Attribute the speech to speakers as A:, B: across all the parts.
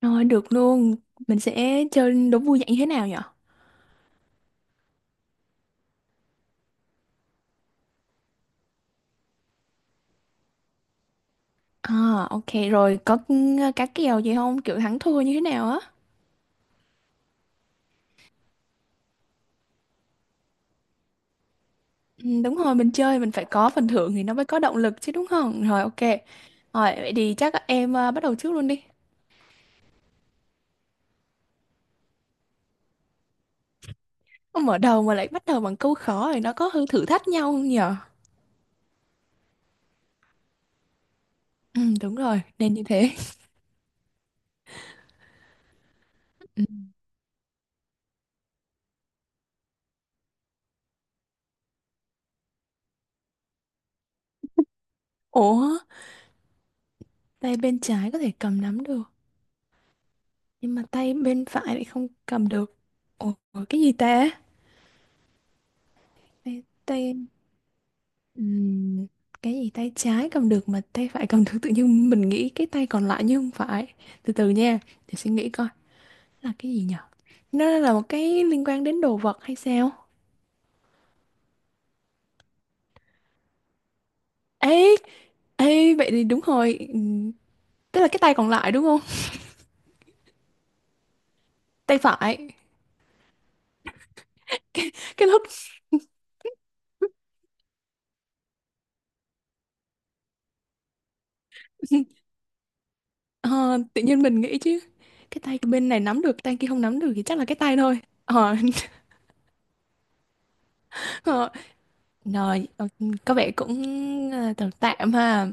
A: Rồi được luôn, mình sẽ chơi đố vui dạng như thế nào nhở? À ok rồi, có cá kèo gì không? Kiểu thắng thua như thế nào á? Ừ, đúng rồi, mình chơi mình phải có phần thưởng thì nó mới có động lực chứ đúng không? Rồi ok, rồi vậy thì chắc em bắt đầu trước luôn đi. Không mở đầu mà lại bắt đầu bằng câu khó thì nó có hơi thử thách nhau không nhở? Ừ đúng rồi, nên như thế. Ừ. Ủa, tay bên trái có thể cầm nắm được, nhưng mà tay bên phải lại không cầm được. Ủa, cái gì ta? Tay, Ừm, cái gì tay trái cầm được mà tay phải cầm được, tự nhiên mình nghĩ cái tay còn lại nhưng không phải. Từ từ nha, để suy nghĩ coi là cái gì nhở. Nó là một cái liên quan đến đồ vật hay sao? Ấy, ấy vậy thì đúng rồi, tức là cái tay còn lại đúng không? Tay phải. Cái lúc ờ, tự nhiên mình nghĩ chứ cái tay bên này nắm được, tay kia không nắm được, thì chắc là cái tay thôi. Ờ. Ờ. Rồi, có vẻ cũng tạm tạm ha.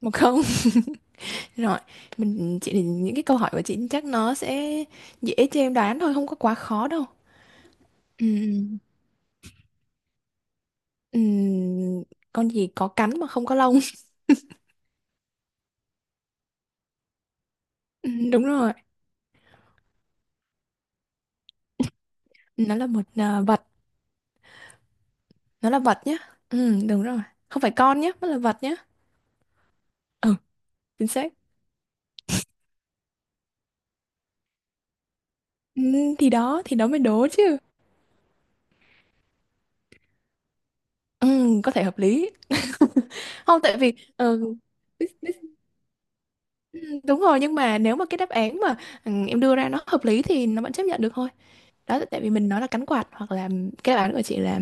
A: 1-0. Rồi, mình chị những cái câu hỏi của chị chắc nó sẽ dễ cho em đoán thôi, không có quá khó đâu. Ừm, ừm, con gì có cánh mà không có lông? Đúng rồi, nó là một vật, nó là vật nhá. Đúng rồi, không phải con nhá, nó là vật nhá. Ừ, chính xác. Thì đó mới đố chứ. Có thể hợp lý. Không, tại vì đúng rồi, nhưng mà nếu mà cái đáp án mà em đưa ra nó hợp lý thì nó vẫn chấp nhận được thôi. Đó, tại vì mình nói là cánh quạt hoặc là cái bản của chị là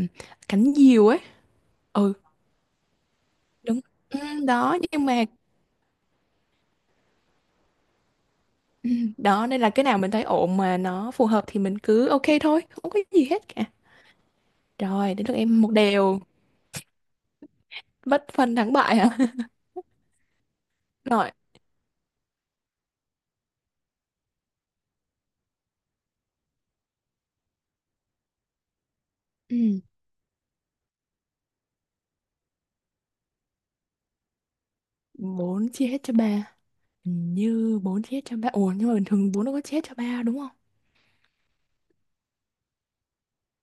A: cánh diều ấy. Ừ đúng. Ừ, đó nhưng mà ừ, đó nên là cái nào mình thấy ổn mà nó phù hợp thì mình cứ ok thôi, không có gì hết cả. Rồi đến lượt em. Một đều, bất phân thắng bại hả. Rồi. Ừ, bốn chia hết cho ba. Hình như bốn chia hết cho ba, ủa nhưng mà bình thường bốn đâu có chia hết cho ba đúng không?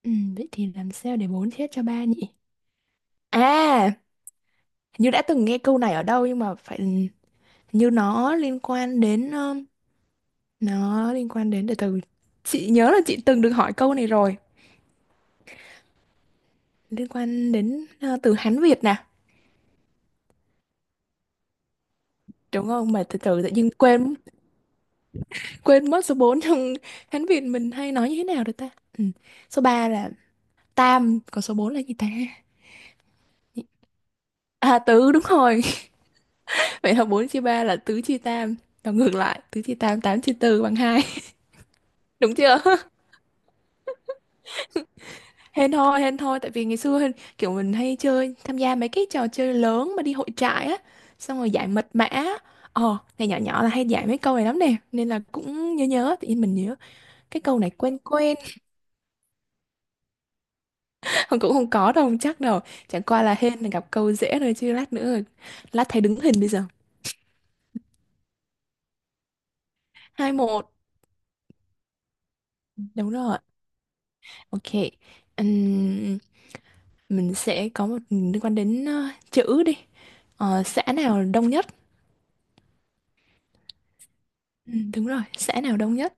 A: Ừ, vậy thì làm sao để bốn chia hết cho ba nhỉ? À, hình như đã từng nghe câu này ở đâu nhưng mà phải hình như nó liên quan đến, nó liên quan đến từ từ. Chị nhớ là chị từng được hỏi câu này rồi, liên quan đến từ Hán Việt nè, đúng không? Mà từ từ tự nhiên quên, quên mất số 4 trong Hán Việt mình hay nói như thế nào được ta. Ừ, số 3 là tam, còn số 4 là gì ta? À, tứ đúng rồi. Vậy là 4 chia 3 là tứ chia tam, và ngược lại tứ chia tam, 8 chia tư bằng hai. Đúng chưa? Hên thôi, hên thôi, tại vì ngày xưa hên- kiểu mình hay chơi, tham gia mấy cái trò chơi lớn mà đi hội trại á, xong rồi giải mật mã, này nhỏ nhỏ là hay giải mấy câu này lắm nè, nên là cũng nhớ nhớ, tự nhiên mình nhớ cái câu này quen quen. Không, cũng không có đâu, không chắc đâu, chẳng qua là hên là gặp câu dễ thôi, chứ lát nữa, lát thấy đứng hình bây giờ. 2-1. Đúng rồi, ok. Ừm, mình sẽ có một liên quan đến chữ đi. Ờ, xã nào đông nhất? Ừ, đúng rồi, xã nào đông nhất?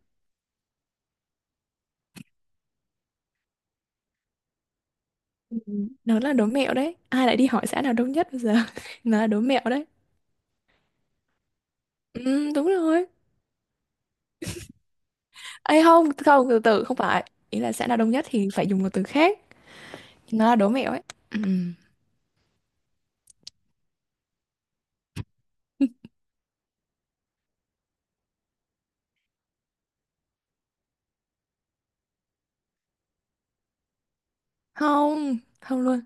A: Ừ, nó là đố mẹo đấy. Ai lại đi hỏi xã nào đông nhất bây giờ? Nó là đố mẹo đấy. Ừ, đúng rồi. Ê không, không, từ từ, không phải. Ý là xã nào đông nhất thì phải dùng một từ khác. Nó là đố mẹo ấy. Ừ. Không, không luôn.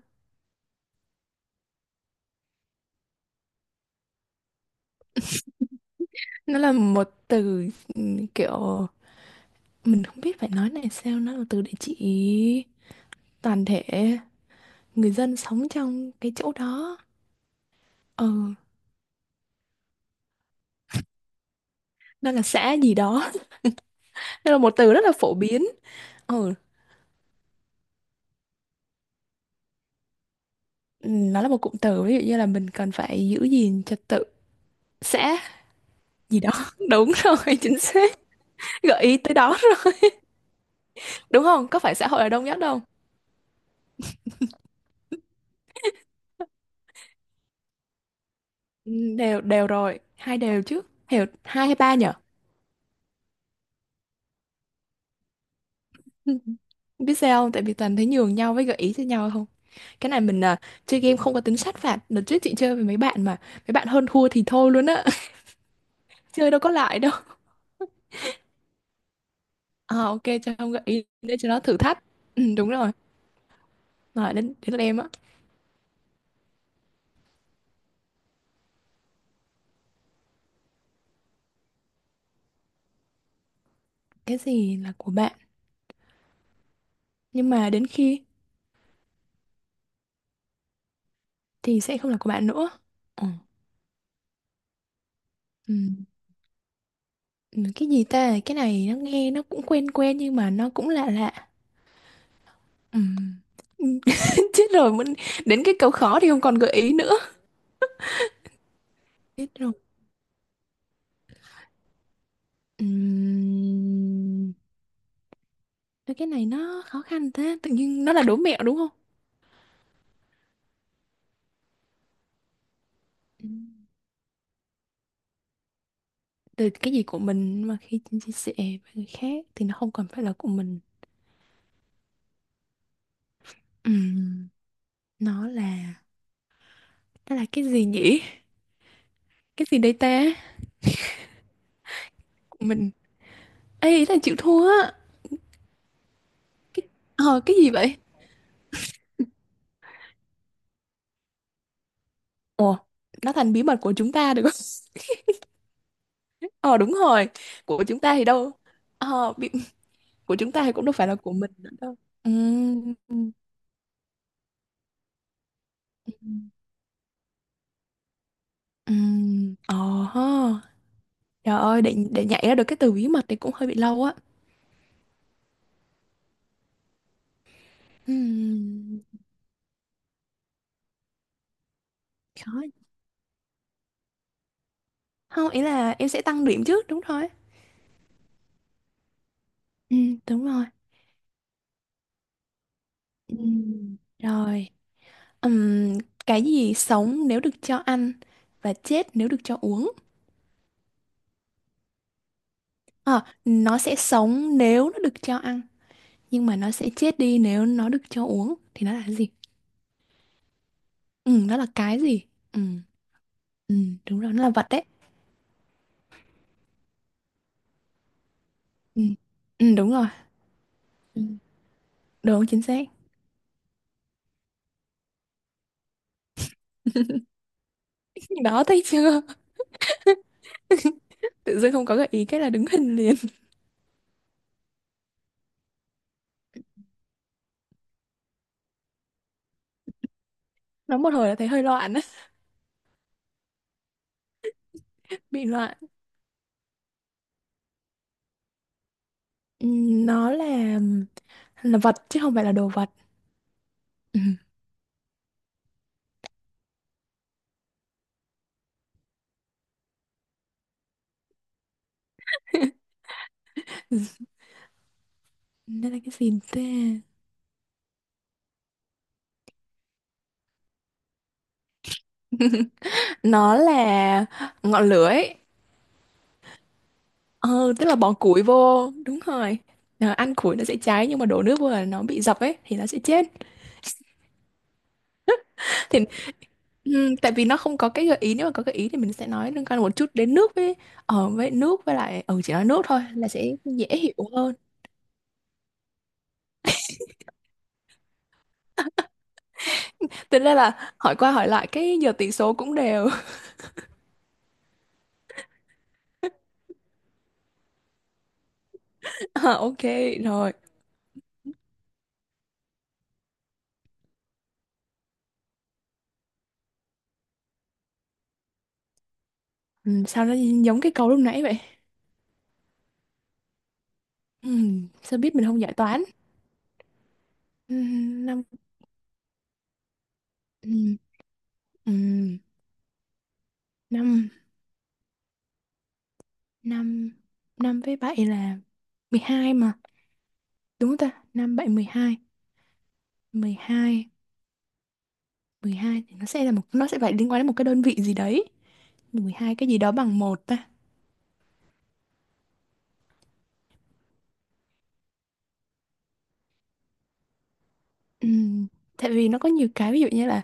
A: Nó là một từ ừ, kiểu... Mình không biết phải nói này sao. Nó là từ để chỉ toàn thể người dân sống trong cái chỗ đó. Ừ, nó là xã gì đó. Nó là một từ rất là phổ biến. Ừ, nó là một cụm từ. Ví dụ như là mình cần phải giữ gìn trật tự xã gì đó. Đúng rồi, chính xác. Gợi ý tới đó, đúng không? Có phải xã hội là đông nhất đâu. Ừ, đều đều rồi, hai đều chứ. Hiểu hai hay ba nhở? Ừ, biết sao không, tại vì toàn thấy nhường nhau với gợi ý cho nhau không. Cái này mình chơi game không có tính sát phạt, đợt trước chị chơi với mấy bạn mà mấy bạn hơn thua thì thôi luôn á. Chơi đâu có lại đâu. À, ok, cho không gợi ý để cho nó thử thách. Ừ, đúng rồi. Rồi đến đến lượt em á. Cái gì là của bạn nhưng mà đến khi thì sẽ không là của bạn nữa. Ừ. Ừ. Ừ, cái gì ta, cái này nó nghe nó cũng quen quen nhưng mà nó cũng lạ lạ. Ừ. Ừ, chết rồi, mình đến cái câu khó thì không còn gợi ý nữa. Chết rồi. Ừm, thôi cái này nó khó khăn thế, tự nhiên nó là đố mẹo đúng không? Ừm, từ cái gì của mình mà khi chia sẻ với người khác thì nó không còn phải là của mình. Ừm, nó là, nó là cái gì nhỉ, cái gì đây ta, của mình. Ê, ý là chịu thua á. Cái cái gì vậy? Ủa, nó thành bí mật của chúng ta được. Ờ đúng rồi. Của chúng ta thì đâu, ờ, bị- của chúng ta thì cũng đâu phải là của mình nữa đâu. Ừm, ừm, ừm, ờ ha. Trời ơi, để nhảy ra được cái từ bí mật thì cũng hơi bị lâu á. Ừm, khó. Không, ý là em sẽ tăng điểm trước đúng thôi. Đúng rồi. Ừm, rồi. Ừm, cái gì sống nếu được cho ăn và chết nếu được cho uống. Ờ, nó sẽ sống nếu nó được cho ăn nhưng mà nó sẽ chết đi nếu nó được cho uống, thì nó là cái gì? Ừ, nó là cái gì? Ừ, ừ, đúng rồi, nó là vật đấy. Ừ, ừ đúng rồi. Ừ, đúng, chính xác. Đó, thấy chưa? Tự dưng không có gợi ý cái là đứng hình liền. Nó một hồi là thấy hơi loạn á, bị loạn. Ừ, nó là vật chứ không phải là đồ vật. Ừ, nó là cái gì ta? Nó là ngọn lửa ấy. Ờ, tức là bỏ củi vô, đúng rồi. Ờ, ăn củi nó sẽ cháy nhưng mà đổ nước vô là nó bị dập ấy thì nó sẽ chết. Ừ, tại vì nó không có cái gợi ý, nếu mà có gợi ý thì mình sẽ nói liên quan một chút đến nước với, ở với nước với lại, ừ, chỉ nói nước thôi là sẽ dễ hiểu hơn. Thế nên là hỏi qua hỏi lại cái giờ tỷ số cũng đều. À, ok rồi. Ừ, sao nó giống cái câu lúc nãy vậy? Ừ, sao biết mình không giải toán. Ừ, năm. ừ, ừ, năm, năm, năm với bảy là 12 mà, đúng không ta? Năm bảy mười hai. Mười hai, 12 thì nó sẽ là một, nó sẽ phải liên quan đến một cái đơn vị gì đấy. Mười hai cái gì đó bằng một ta? Ừm, tại vì nó có nhiều cái ví dụ như là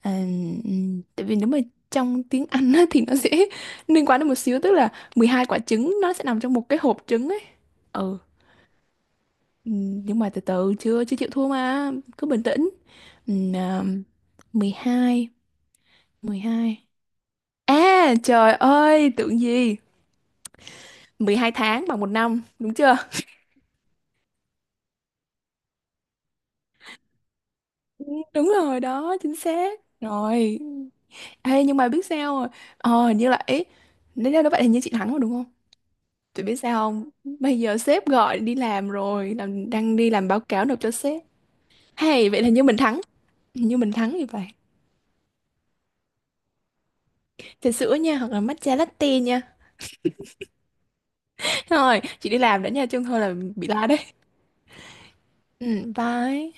A: à, tại vì nếu mà trong tiếng Anh á, thì nó sẽ liên quan đến một xíu, tức là 12 quả trứng nó sẽ nằm trong một cái hộp trứng ấy. Ừ. Nhưng mà từ từ, chưa chưa chịu thua mà, cứ bình tĩnh. Ừm, à, mười hai, mười hai, à trời ơi tưởng gì. 12 tháng bằng 1 năm đúng chưa? Ừ, đúng rồi đó, chính xác. Rồi. Ê, nhưng mà biết sao rồi. Ờ, hình như là ý, nếu như nó vậy thì như chị thắng rồi đúng không? Chị biết sao không? Bây giờ sếp gọi đi làm rồi, làm, đang đi làm báo cáo nộp cho sếp. Hay, vậy là như mình thắng. Hình như mình thắng như vậy. Trà sữa nha, hoặc là matcha latte nha. Rồi, chị đi làm đã nha, chứ không thôi là bị la đấy. Ừ, bye.